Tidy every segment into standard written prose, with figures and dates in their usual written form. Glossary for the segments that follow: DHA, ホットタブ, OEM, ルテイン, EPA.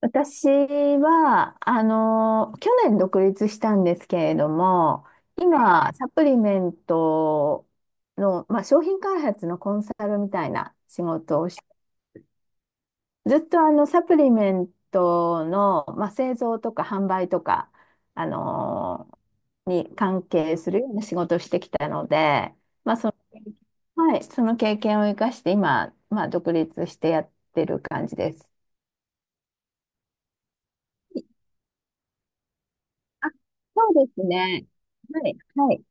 私は、去年独立したんですけれども、今、サプリメントの、商品開発のコンサルみたいな仕事をして、ずっとサプリメントの、製造とか販売とか、あの、に関係するような仕事をしてきたので、はい、その経験を生かして今、独立してやってる感じです。あ、そうですね。はい、はい。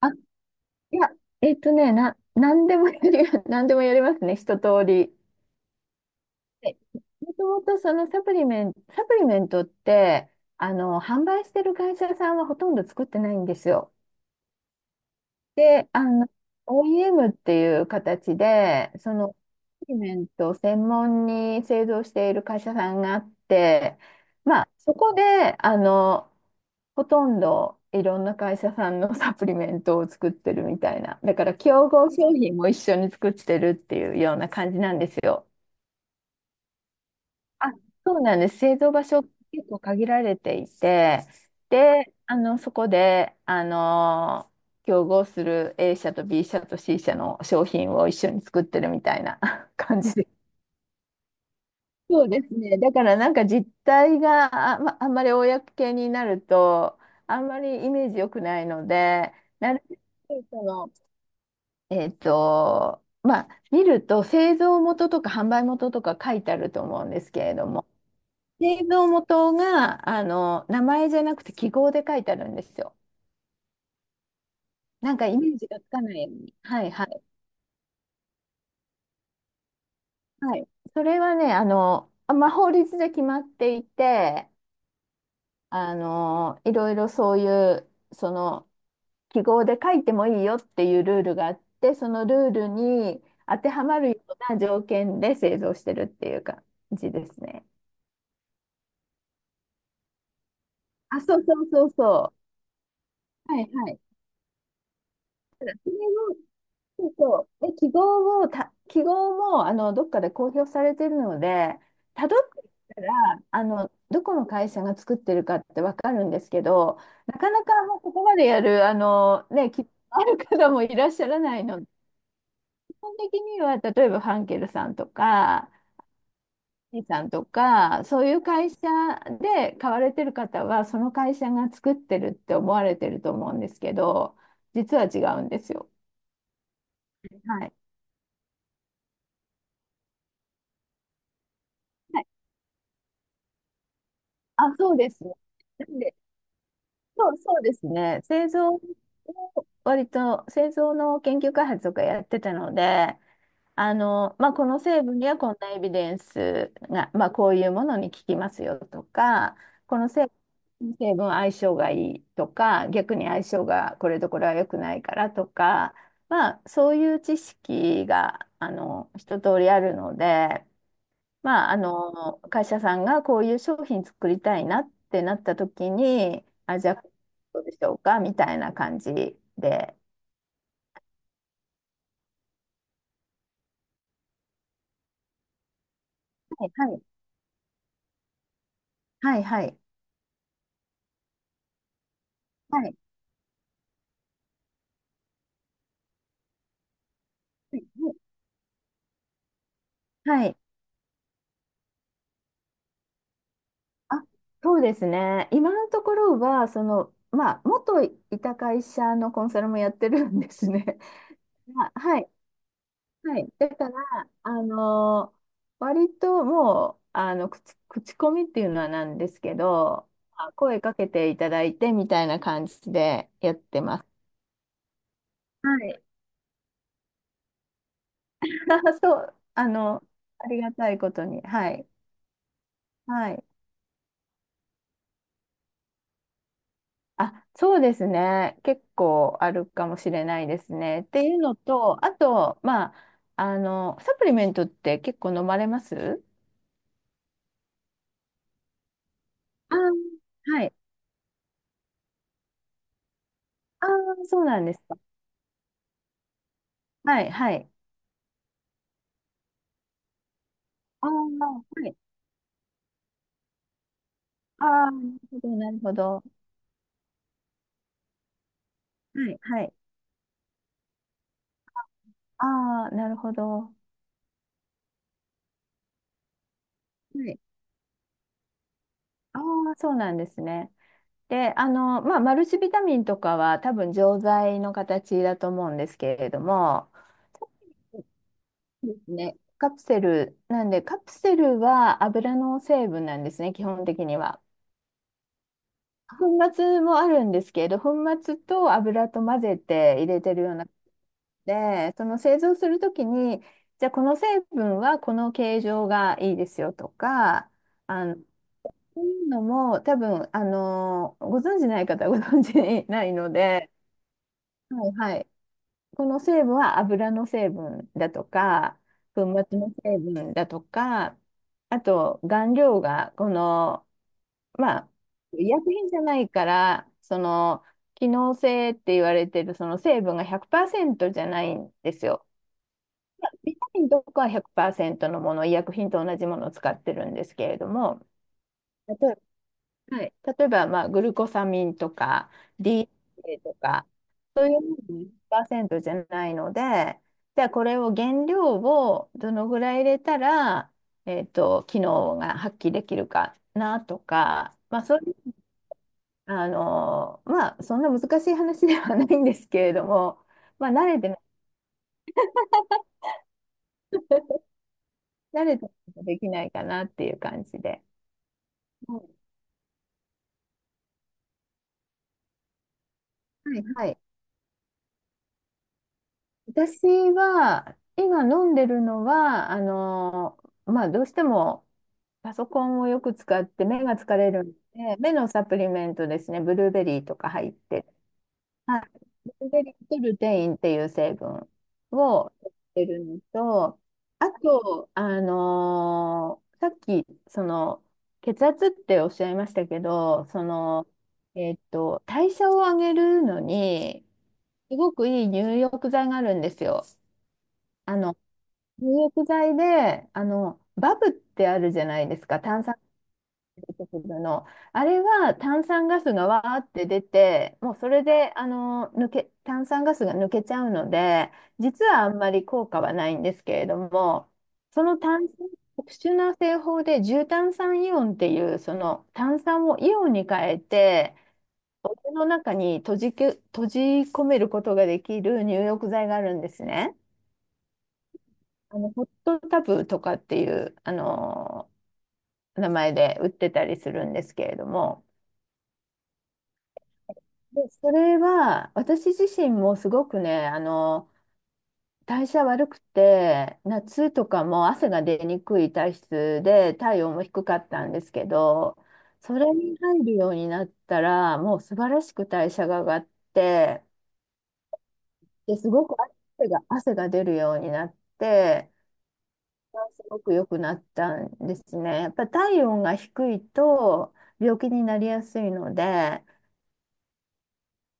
あいや、えっとね、な、何でもやり、何でもやりますね、一通り。でもともとそのサプリメントって、販売してる会社さんはほとんど作ってないんですよ。で、OEM っていう形で、サプリメントを専門に製造している会社さんがあって、そこで、あの、ほとんどいろんな会社さんのサプリメントを作ってるみたいな。だから競合商品も一緒に作ってるっていうような感じなんですよ。あ、そうなんです。製造場所結構限られていて、で、そこで、競合する A 社と B 社と C 社の商品を一緒に作ってるみたいな 感じで。そうですね。だからなんか実態がまあんまり公になると、あんまりイメージ良くないので、なるべくその、見ると製造元とか販売元とか書いてあると思うんですけれども、製造元が、名前じゃなくて記号で書いてあるんですよ。なんかイメージがつかないように。はいはい。はい。それはね、法律で決まっていて、いろいろそういう、記号で書いてもいいよっていうルールがあって、そのルールに当てはまるような条件で製造してるっていう感じですね。あ、そうそうそうそう。はいはい。ただそれを、そうそう。で、記号も、どっかで公表されてるので、たどっていったら、どこの会社が作ってるかってわかるんですけど、なかなかもうここまでやる、ね、ある方もいらっしゃらないので、基本的には、例えばファンケルさんとか、イーさんとか、そういう会社で買われてる方は、その会社が作ってるって思われてると思うんですけど、実は違うんですよ。はい。はい。あ、そうです。なんでそうですね。製造を割と製造の研究開発とかやってたので、この成分にはこんなエビデンスが、こういうものに効きますよとか、この成分、成分相性がいいとか、逆に相性がこれとこれは良くないからとか、そういう知識が一通りあるので、会社さんがこういう商品作りたいなってなった時に、あ、じゃあ、どうでしょうかみたいな感じで。はいはい。はいはい。はい。はい。あ、そうですね。今のところは、元いた会社のコンサルもやってるんですね。はい。はい。だから、あのー割ともう、口コミっていうのはなんですけど、あ、声かけていただいてみたいな感じでやってます。はい。そう、ありがたいことに。はい。はい。あ、そうですね。結構あるかもしれないですね。っていうのと、あと、サプリメントって結構飲まれます。あー、はい。ああ、そうなんですか。はい、はい。ああ、はい。ああ、なるほど、なるほど。はい、はい。ああ、なるほど。はい。ああ、そうなんですね。で、マルチビタミンとかは多分錠剤の形だと思うんですけれども、そうですね。カプセル、なんで、カプセルは油の成分なんですね、基本的には。粉末もあるんですけど、粉末と油と混ぜて入れてるような。で、その製造するときに、じゃあこの成分はこの形状がいいですよとか、あの、そういうのも多分、ご存じない方はご存じないので、はいはい。この成分は油の成分だとか、粉末の成分だとか、あと顔料がこの、まあ、医薬品じゃないから、機能性って言われてるその成分が100%じゃないんですよ。ビタミンとかは100%のもの、医薬品と同じものを使ってるんですけれども、例えば、はい、例えばグルコサミンとか DHA とか、そういうのも100%じゃないので、じゃあこれを原料をどのぐらい入れたら、機能が発揮できるかなとか、まあ、そういう、あの、まあ、そんな難しい話ではないんですけれども、まあ、慣れてない、慣れてないとできないかなっていう感じで。はいはい。私は、今飲んでるのは、どうしてもパソコンをよく使って目が疲れるんで、目のサプリメントですね、ブルーベリーとか入って、はい、ブルーベリーとルテインっていう成分を取ってるのと、あと、さっき、血圧っておっしゃいましたけど、代謝を上げるのに、すごくいい入浴剤があるんですよ。あの、入浴剤で、バブってあるじゃないですか、炭酸ガス出てくるの。あれは炭酸ガスがわーって出て、もうそれで、炭酸ガスが抜けちゃうので、実はあんまり効果はないんですけれども、その炭酸、特殊な製法で重炭酸イオンっていう、その炭酸をイオンに変えて、お湯の中に閉じ込めることができる入浴剤があるんですね。ホットタブとかっていう、名前で売ってたりするんですけれども、で、それは私自身もすごくね、代謝悪くて、夏とかも汗が出にくい体質で、体温も低かったんですけど、それに入るようになったら、もう素晴らしく代謝が上がって、で、すごく汗が出るようになって、すごく良くなったんですね。やっぱ体温が低いと病気になりやすいので、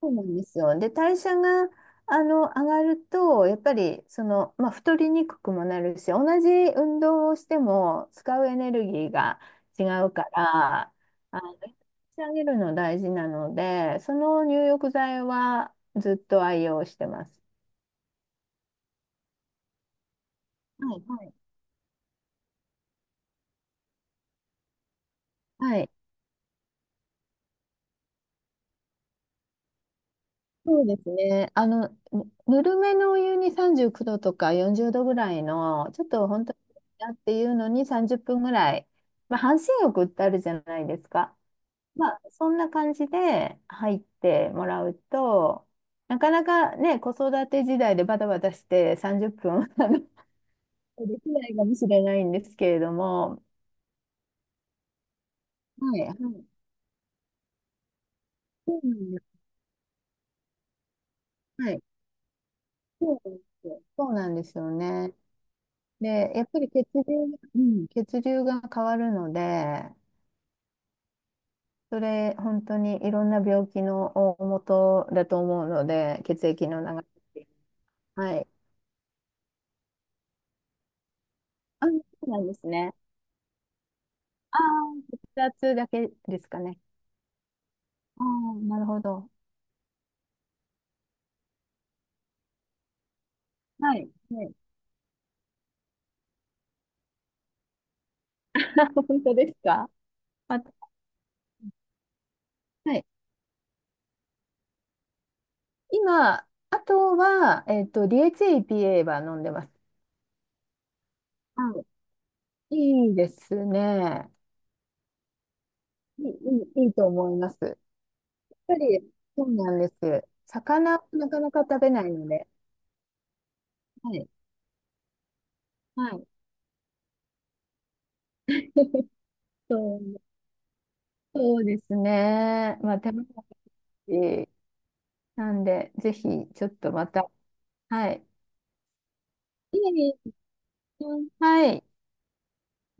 そうなんですよ。で、代謝が上がると、やっぱり太りにくくもなるし、同じ運動をしても使うエネルギーが違うから、あの、上げるの大事なので、その入浴剤はずっと愛用してます。はい、はい。はい。そうですね。ぬるめのお湯に39度とか40度ぐらいの、ちょっと本当にだっていうのに30分ぐらい、半身浴ってあるじゃないですか。そんな感じで入ってもらうと、なかなかね、子育て時代でバタバタして30分 できないかもしれないんですけれども、はい、はい、そうなんです。はい、そうなんですよね。で、やっぱりうん、血流が変わるので、それ本当にいろんな病気の大元だと思うので、血液の流れ。はい。あ、そうなんですね。ああ、血圧だけですかね。ああ、なるほど。はい。はい。 本当ですか？あ、はい。今、あとは、DHA、EPA は飲んでます。はい。いいですね。いい、いいいと思います。やっぱり、そうなんです。魚をなかなか食べないので。はい。はい。そう、そうですね。手間もかかるしなんで、ぜひ、ちょっとまた。はい。いえいえ。はい。